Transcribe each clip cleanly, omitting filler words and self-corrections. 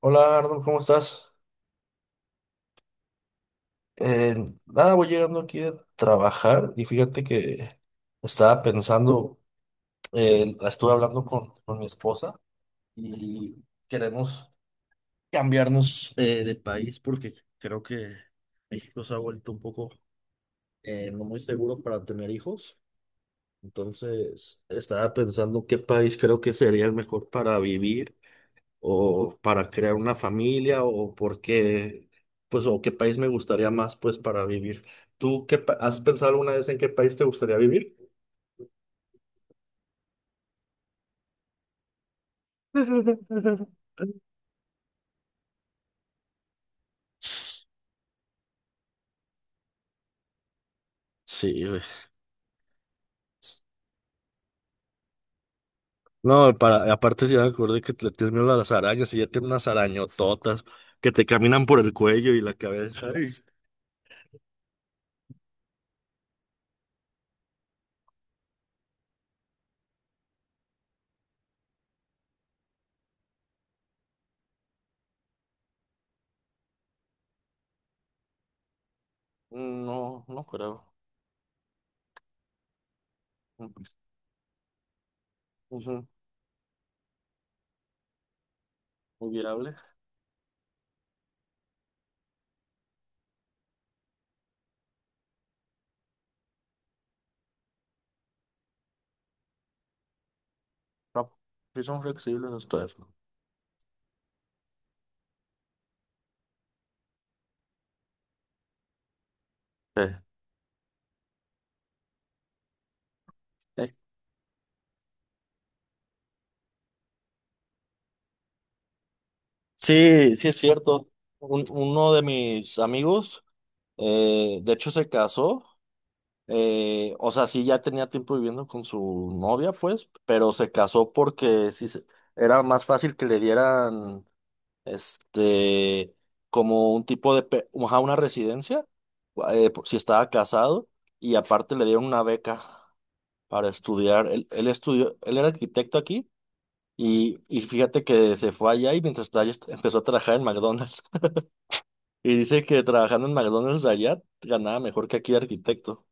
Hola Arnold, ¿cómo estás? Eh, nada, voy llegando aquí a trabajar y fíjate que estaba pensando, la estuve hablando con mi esposa y queremos cambiarnos de país porque creo que México se ha vuelto un poco no muy seguro para tener hijos. Entonces, estaba pensando qué país creo que sería el mejor para vivir o para crear una familia o porque, pues, o qué país me gustaría más, pues, para vivir. ¿Tú has pensado alguna vez en qué país te gustaría vivir? Sí, güey. No, para, aparte si me acuerdo que le tienes miedo a las arañas y ya tiene unas arañototas que te caminan por el cuello y la cabeza. Ay. No, no creo. Ujú. Muy viable. No, sí son flexibles los teléfonos. Sí. Sí, sí es cierto. Uno de mis amigos, de hecho, se casó. O sea, sí, ya tenía tiempo viviendo con su novia, pues, pero se casó porque era más fácil que le dieran, este, como un tipo de, ajá, una residencia, si estaba casado, y aparte le dieron una beca para estudiar. Él estudió, él era arquitecto aquí. Y fíjate que se fue allá y mientras estaba allá empezó a trabajar en McDonald's. Y dice que trabajando en McDonald's allá ganaba mejor que aquí de arquitecto.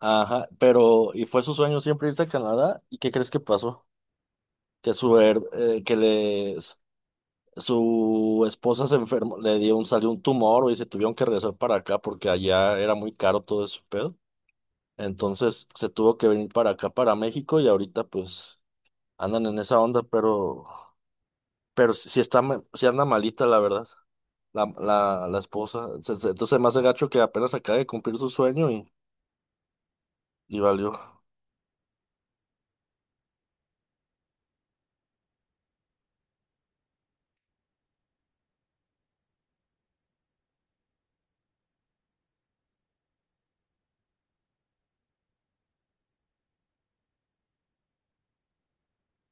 Ajá, pero y fue su sueño siempre irse a Canadá. ¿Y qué crees que pasó? Que su esposa se enfermó, le dio un salió un tumor y se tuvieron que regresar para acá porque allá era muy caro todo ese pedo. Entonces se tuvo que venir para acá para México y ahorita pues andan en esa onda, pero si si está ma- sí anda malita la verdad. La esposa. Entonces, más hace gacho que apenas acaba de cumplir su sueño. Y valió.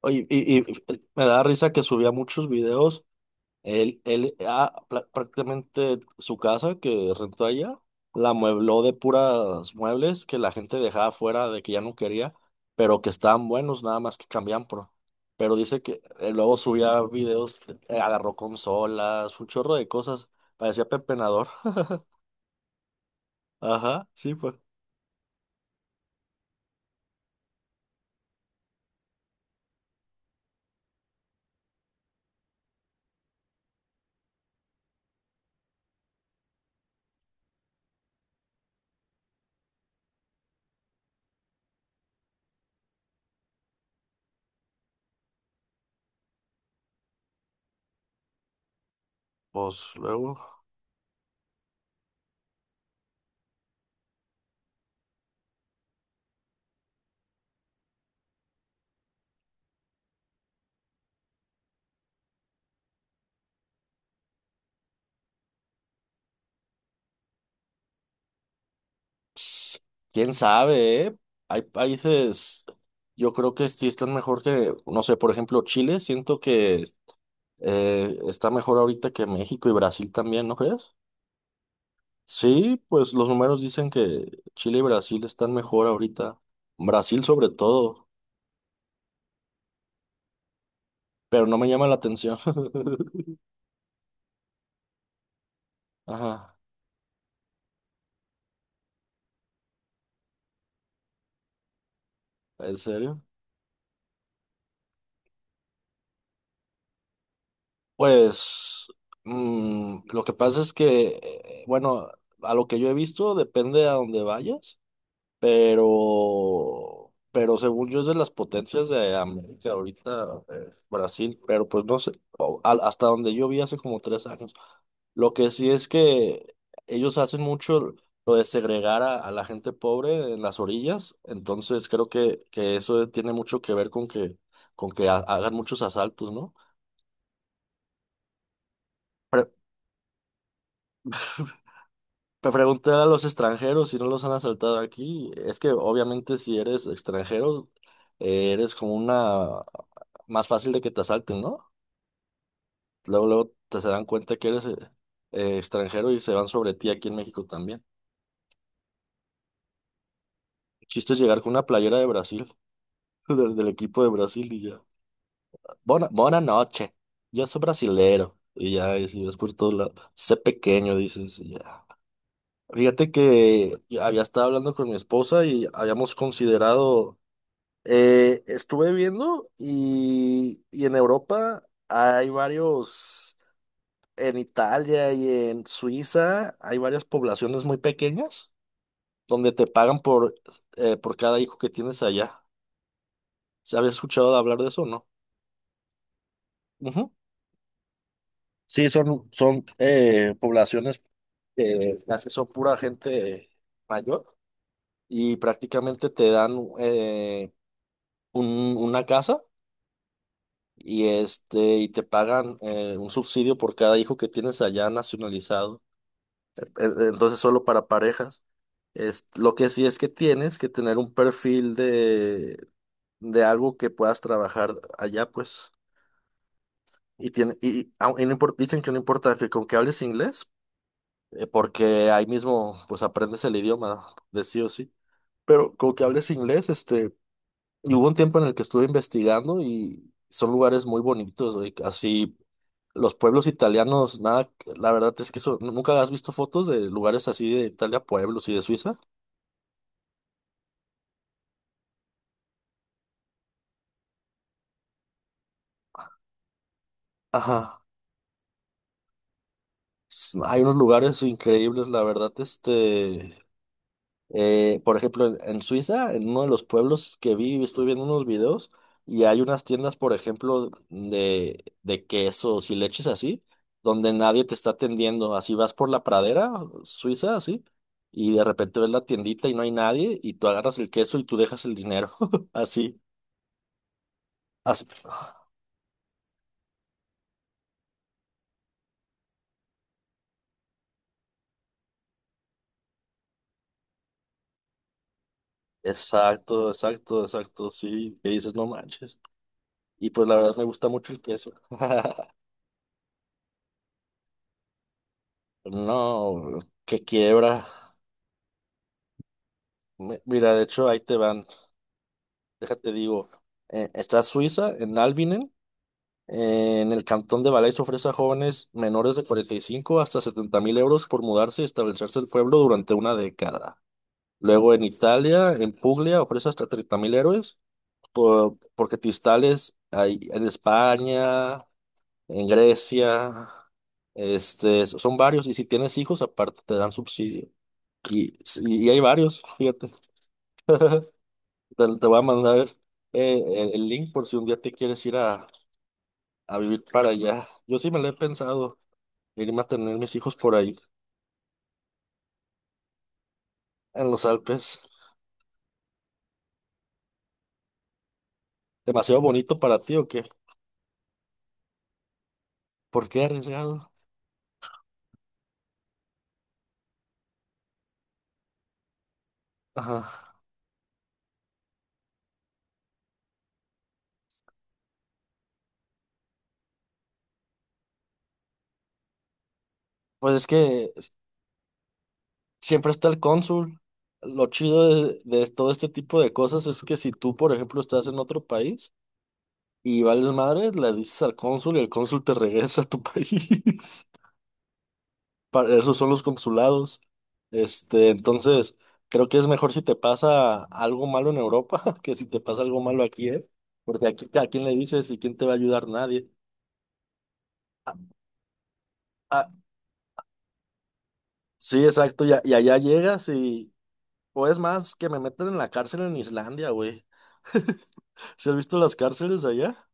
Oye, me da risa que subía muchos videos. Prácticamente su casa que rentó allá, la muebló de puras muebles que la gente dejaba fuera de que ya no quería, pero que estaban buenos, nada más que cambiaban por. Pero dice que luego subía videos, agarró consolas, un chorro de cosas. Parecía pepenador. Ajá, sí, pues. Pues luego. Ps, ¿Quién sabe, eh? Hay países, yo creo que sí están mejor que, no sé, por ejemplo, Chile, siento que está mejor ahorita que México y Brasil también, ¿no crees? Sí, pues los números dicen que Chile y Brasil están mejor ahorita. Brasil sobre todo, pero no me llama la atención. Ajá, ¿en serio? Pues lo que pasa es que, bueno, a lo que yo he visto, depende a dónde vayas. Pero según yo es de las potencias de América ahorita, Brasil, pero pues no sé, hasta donde yo vi hace como 3 años. Lo que sí es que ellos hacen mucho lo de segregar a la gente pobre en las orillas, entonces creo que eso tiene mucho que ver con que hagan muchos asaltos, ¿no? Preguntar a los extranjeros si no los han asaltado aquí. Es que obviamente si eres extranjero, eres como una más fácil de que te asalten, ¿no? Luego, luego te se dan cuenta que eres extranjero y se van sobre ti aquí en México también. El chiste es llegar con una playera de Brasil, del equipo de Brasil y ya. Buena noche. Yo soy brasilero. Y ya, y si ves por todos lados, sé pequeño, dices, y ya. Fíjate que yo había estado hablando con mi esposa y habíamos considerado. Estuve viendo y en Europa hay varios, en Italia y en Suiza hay varias poblaciones muy pequeñas donde te pagan por cada hijo que tienes allá. ¿Se había escuchado de hablar de eso, o no? Ujú. Sí, son poblaciones que casi son pura gente mayor y prácticamente te dan eh, una casa y y te pagan un subsidio por cada hijo que tienes allá nacionalizado. Entonces, solo para parejas. Lo que sí es que tienes que tener un perfil de algo que puedas trabajar allá, pues. Y tiene, y- au- y no impor- Dicen que no importa que con que hables inglés, porque ahí mismo pues aprendes el idioma de sí o sí. Pero con que hables inglés. Y hubo un tiempo en el que estuve investigando y son lugares muy bonitos, güey. Así, los pueblos italianos, nada, la verdad es que eso, ¿no? ¿Nunca has visto fotos de lugares así de Italia, pueblos y de Suiza? Ajá. Hay unos lugares increíbles, la verdad, eh, por ejemplo, en Suiza, en uno de los pueblos que vi, estuve viendo unos videos y hay unas tiendas, por ejemplo, de quesos y leches así, donde nadie te está atendiendo. Así vas por la pradera suiza, así, y de repente ves la tiendita y no hay nadie y tú agarras el queso y tú dejas el dinero. Así, así. Exacto, exacto, exacto, sí. Que dices, no manches. Y pues la verdad me gusta mucho el queso. No, que quiebra. Mira, de hecho, ahí te van. Déjate digo, está Suiza, en Albinen, en el cantón de Valais ofrece a jóvenes menores de 45 hasta 70.000 euros por mudarse y establecerse en el pueblo durante una década. Luego en Italia, en Puglia, ofrece hasta 30.000 euros porque Tistales hay en España, en Grecia, son varios. Y si tienes hijos, aparte te dan subsidio. Y, y hay varios, fíjate. Te voy a mandar el link por si un día te quieres ir a vivir para allá. Yo sí me lo he pensado, irme a tener mis hijos por ahí, en los Alpes. ¿Demasiado bonito para ti o qué? ¿Por qué arriesgado? Ajá. Pues es que siempre está el cónsul. Lo chido de todo este tipo de cosas es que si tú, por ejemplo, estás en otro país y vales madre, le dices al cónsul y el cónsul te regresa a tu país. Esos son los consulados. Entonces, creo que es mejor si te pasa algo malo en Europa que si te pasa algo malo aquí, ¿eh? Porque aquí, ¿a quién le dices y quién te va a ayudar? Nadie. Ah, ah, sí, exacto, y allá llegas y, o es más, que me meten en la cárcel en Islandia, güey. ¿Se has visto las cárceles allá?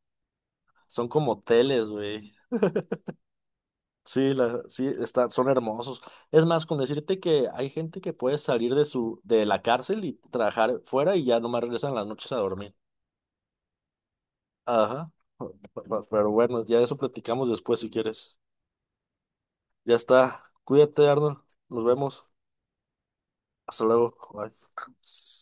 Son como hoteles, güey. Sí, son hermosos. Es más, con decirte que hay gente que puede salir de la cárcel y trabajar fuera y ya no más regresan las noches a dormir. Ajá. Pe- Pero bueno, ya de eso platicamos después si quieres. Ya está. Cuídate, Arnold. Nos vemos. Hasta luego. Bye.